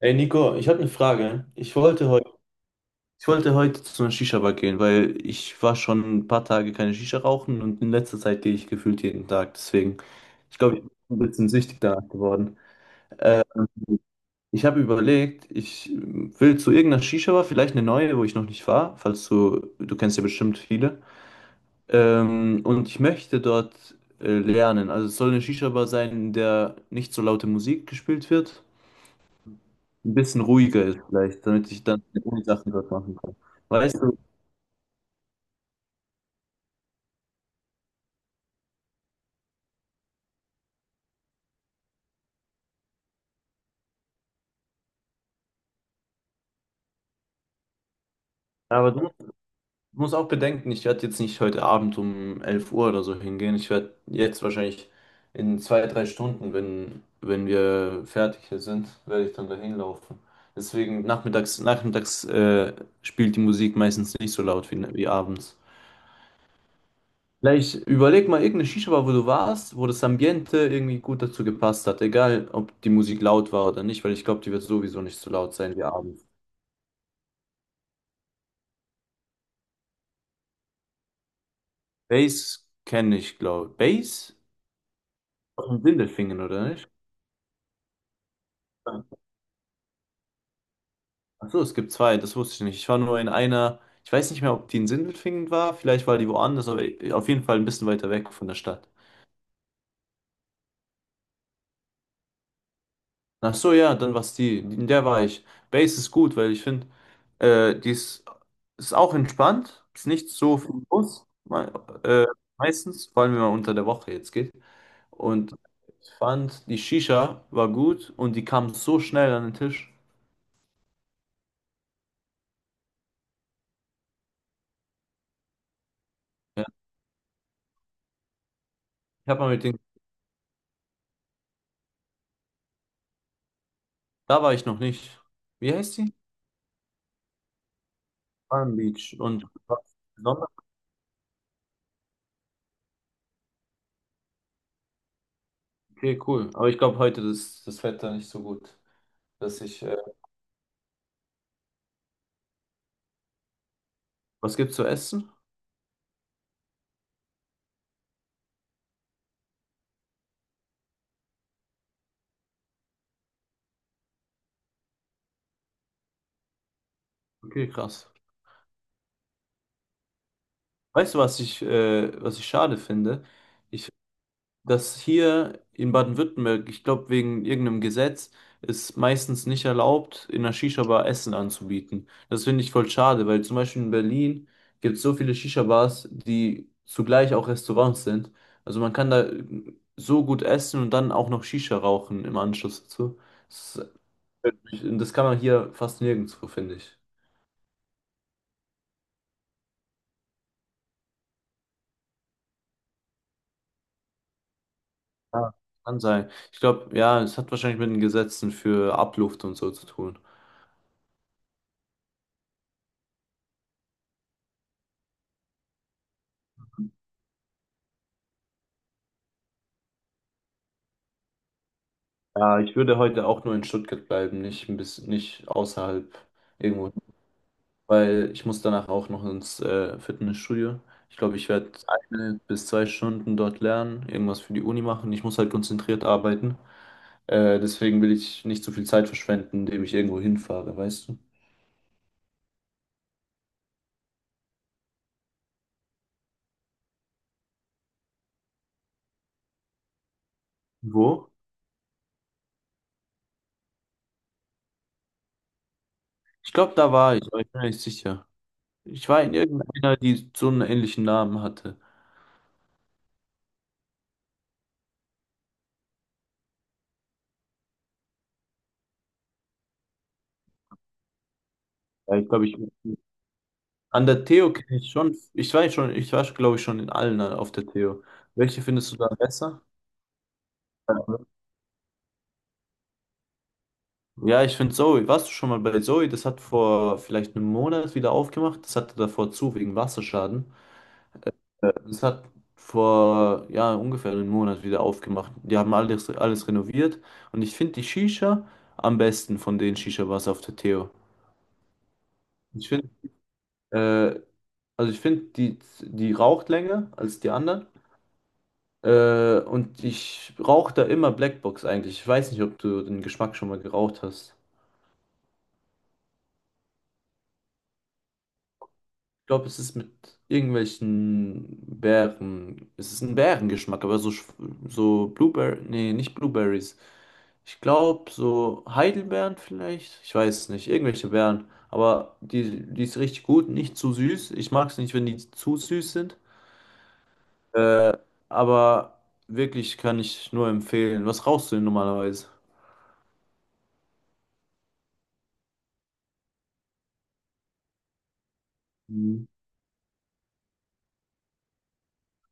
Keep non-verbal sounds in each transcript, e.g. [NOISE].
Ey Nico, ich habe eine Frage. Ich wollte heute zu einer Shisha-Bar gehen, weil ich war schon ein paar Tage keine Shisha rauchen und in letzter Zeit gehe ich gefühlt jeden Tag. Deswegen, ich glaube, ich bin ein bisschen süchtig danach geworden. Ich habe überlegt, ich will zu irgendeiner Shisha-Bar, vielleicht eine neue, wo ich noch nicht war, falls du kennst ja bestimmt viele. Und ich möchte dort lernen. Also es soll eine Shisha-Bar sein, in der nicht so laute Musik gespielt wird, ein bisschen ruhiger ist vielleicht, damit ich dann die Uni-Sachen dort machen kann. Weißt du, aber du musst auch bedenken, ich werde jetzt nicht heute Abend um 11 Uhr oder so hingehen. Ich werde jetzt wahrscheinlich in 2, 3 Stunden, wenn wir fertig hier sind, werde ich dann dahin laufen. Deswegen nachmittags spielt die Musik meistens nicht so laut wie abends. Vielleicht überleg mal irgendeine Shisha-Bar, wo du warst, wo das Ambiente irgendwie gut dazu gepasst hat. Egal, ob die Musik laut war oder nicht, weil ich glaube, die wird sowieso nicht so laut sein wie abends. Bass kenne ich, glaube ich. Bass? Aus dem Sindelfingen, oder nicht? Achso, es gibt zwei, das wusste ich nicht. Ich war nur in einer, ich weiß nicht mehr, ob die in Sindelfingen war, vielleicht war die woanders, aber auf jeden Fall ein bisschen weiter weg von der Stadt. Ach so, ja, dann war die, in der war ich. Bass ist gut, weil ich finde, die ist auch entspannt, ist nicht so viel los, äh, meistens, vor allem wenn man unter der Woche jetzt geht. Und ich fand, die Shisha war gut und die kam so schnell an den Tisch. Ja. Ich habe mal mit denen. Da war ich noch nicht. Wie heißt sie? Palm Beach. Und was Besonderes? Okay, cool. Aber ich glaube, heute ist das Wetter nicht so gut, dass ich. Was gibt's zu essen? Okay, krass. Weißt du, was ich schade finde? Ich dass hier in Baden-Württemberg, ich glaube wegen irgendeinem Gesetz, es meistens nicht erlaubt, in einer Shisha-Bar Essen anzubieten. Das finde ich voll schade, weil zum Beispiel in Berlin gibt es so viele Shisha-Bars, die zugleich auch Restaurants sind. Also man kann da so gut essen und dann auch noch Shisha rauchen im Anschluss dazu. Das, das kann man hier fast nirgendwo, finde ich. Ja. Kann sein. Ich glaube, ja, es hat wahrscheinlich mit den Gesetzen für Abluft und so zu tun. Ja, ich würde heute auch nur in Stuttgart bleiben, nicht ein bisschen, nicht außerhalb irgendwo, weil ich muss danach auch noch ins Fitnessstudio. Ich glaube, ich werde 1 bis 2 Stunden dort lernen, irgendwas für die Uni machen. Ich muss halt konzentriert arbeiten. Deswegen will ich nicht so viel Zeit verschwenden, indem ich irgendwo hinfahre, weißt du? Wo? Ich glaube, da war ich, aber ich bin mir nicht sicher. Ich war in irgendeiner, die so einen ähnlichen Namen hatte. Ja, ich glaube, ich An der Theo kenne ich schon, ich war glaube ich schon in allen auf der Theo. Welche findest du da besser? Ja, ich finde Zoe. Warst du schon mal bei Zoe? Das hat vor vielleicht einem Monat wieder aufgemacht. Das hatte davor zu wegen Wasserschaden. Das hat vor ja ungefähr einem Monat wieder aufgemacht. Die haben alles, alles renoviert und ich finde die Shisha am besten von den Shisha-Bars auf der Theo. Ich finde, äh, also ich finde die raucht länger als die anderen. Und ich rauche da immer Blackbox eigentlich. Ich weiß nicht, ob du den Geschmack schon mal geraucht hast. Ich glaube, es ist mit irgendwelchen Beeren. Es ist ein Beerengeschmack, aber so, so Blueberry. Nee, nicht Blueberries. Ich glaube, so Heidelbeeren vielleicht. Ich weiß es nicht. Irgendwelche Beeren. Aber die ist richtig gut. Nicht zu süß. Ich mag es nicht, wenn die zu süß sind. Aber wirklich kann ich nur empfehlen. Was rauchst du denn normalerweise?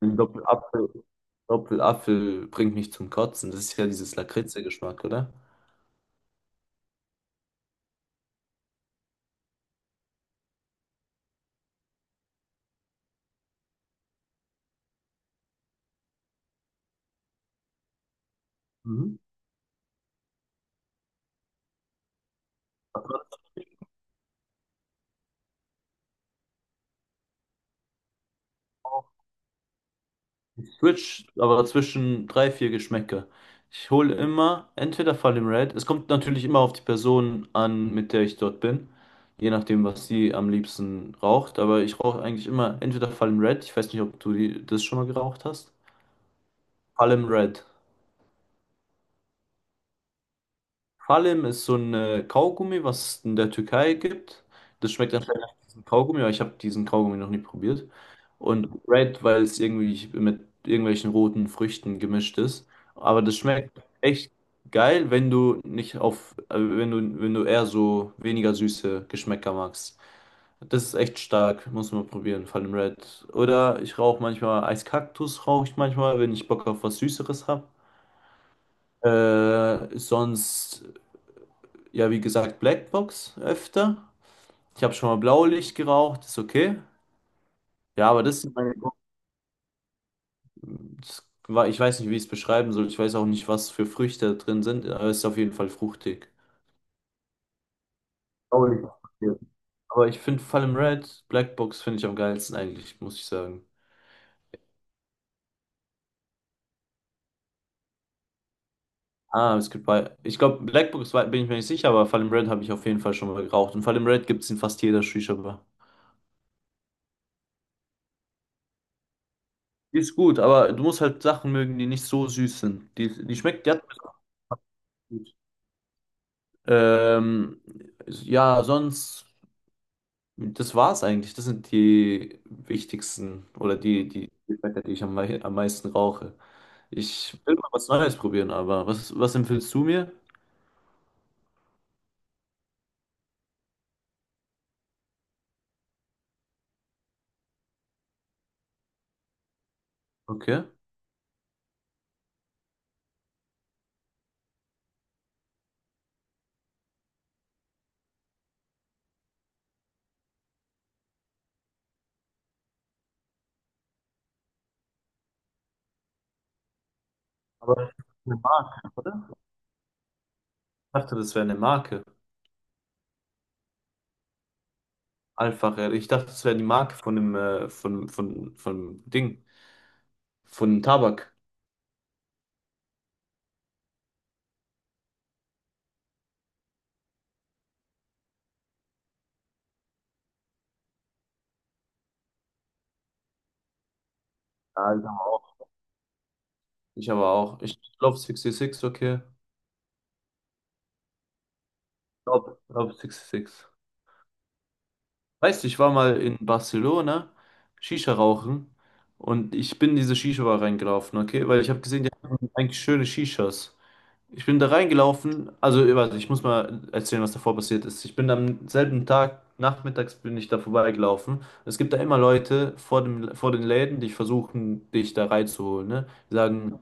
Ein Doppelapfel, Doppelapfel bringt mich zum Kotzen. Das ist ja dieses Lakritze-Geschmack, oder? Mhm. Ich switch aber zwischen drei, vier Geschmäcker. Ich hole immer entweder Fallen Red. Es kommt natürlich immer auf die Person an, mit der ich dort bin. Je nachdem, was sie am liebsten raucht. Aber ich rauche eigentlich immer entweder Fallen Red. Ich weiß nicht, ob du die, das schon mal geraucht hast. Fallen Red. Kalim ist so ein Kaugummi, was es in der Türkei gibt. Das schmeckt anscheinend nach diesem Kaugummi, aber ich habe diesen Kaugummi noch nie probiert. Und Red, weil es irgendwie mit irgendwelchen roten Früchten gemischt ist. Aber das schmeckt echt geil, wenn du nicht auf, wenn du eher so weniger süße Geschmäcker magst. Das ist echt stark, muss man probieren, vor allem Red. Oder ich rauche manchmal Eiskaktus, rauche ich manchmal, wenn ich Bock auf was Süßeres habe. Sonst ja, wie gesagt, Blackbox öfter. Ich habe schon mal Blaulicht geraucht, ist okay. Ja, aber das sind meine. Das war, ich weiß nicht, wie ich es beschreiben soll. Ich weiß auch nicht, was für Früchte da drin sind, aber es ist auf jeden Fall fruchtig. Blaulicht. Aber ich finde Fallen Red, Blackbox finde ich am geilsten eigentlich, muss ich sagen. Ah, es gibt bei. Ich glaube, Blackbox bin ich mir nicht sicher, aber Fallen Red habe ich auf jeden Fall schon mal geraucht. Und Fallen Red gibt es in fast jeder Shisha-Bar. Die ist gut, aber du musst halt Sachen mögen, die nicht so süß sind. Die schmeckt, die hat. Ähm, ja, sonst, das war's eigentlich. Das sind die wichtigsten oder die Fette, die ich am meisten rauche. Ich will mal was Neues probieren, aber was empfiehlst du mir? Okay. Aber das ist eine Marke, oder? Ich dachte, das wäre eine Marke. Ich dachte, das wäre die Marke von dem, von, von Ding, von Tabak. Ja, ich aber auch. Ich aber auch. Ich glaube 66, okay. Ich glaube 66. Weißt du, ich war mal in Barcelona Shisha rauchen und ich bin in diese Shisha-Bar reingelaufen, okay? Weil ich habe gesehen, die haben eigentlich schöne Shishas. Ich bin da reingelaufen, also warte, ich muss mal erzählen, was davor passiert ist. Ich bin am selben Tag, nachmittags bin ich da vorbeigelaufen. Es gibt da immer Leute vor dem, vor den Läden, die versuchen, dich da reinzuholen, ne? Die sagen,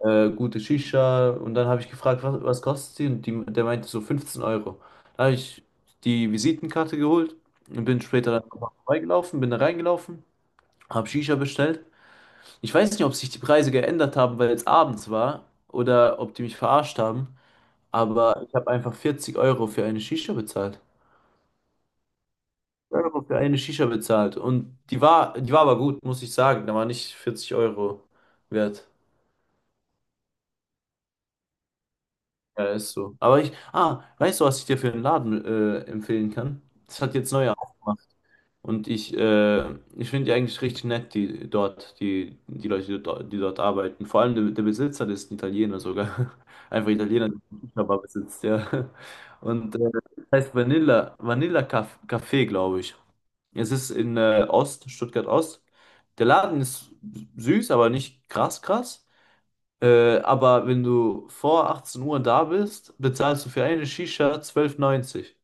gute Shisha. Und dann habe ich gefragt, was kostet sie? Und die, der meinte so 15 Euro. Dann habe ich die Visitenkarte geholt und bin später dann nochmal vorbeigelaufen, bin da reingelaufen, habe Shisha bestellt. Ich weiß nicht, ob sich die Preise geändert haben, weil es abends war oder ob die mich verarscht haben, aber ich habe einfach 40 € für eine Shisha bezahlt. Euro für eine Shisha bezahlt. Und die war aber gut, muss ich sagen. Da war nicht 40 € wert. Ja, ist so. Aber weißt du, was ich dir für einen Laden empfehlen kann? Das hat jetzt neu aufgemacht. Und ich finde die eigentlich richtig nett, die Leute, die dort arbeiten. Vor allem der Besitzer, das ist ein Italiener sogar. [LAUGHS] Einfach Italiener, der einen Shisha-Bar besitzt, ja. [LAUGHS] Und äh, das heißt Vanilla Café, glaube ich. Es ist in Stuttgart Ost. Der Laden ist süß, aber nicht krass krass. Aber wenn du vor 18 Uhr da bist, bezahlst du für eine Shisha 12,90.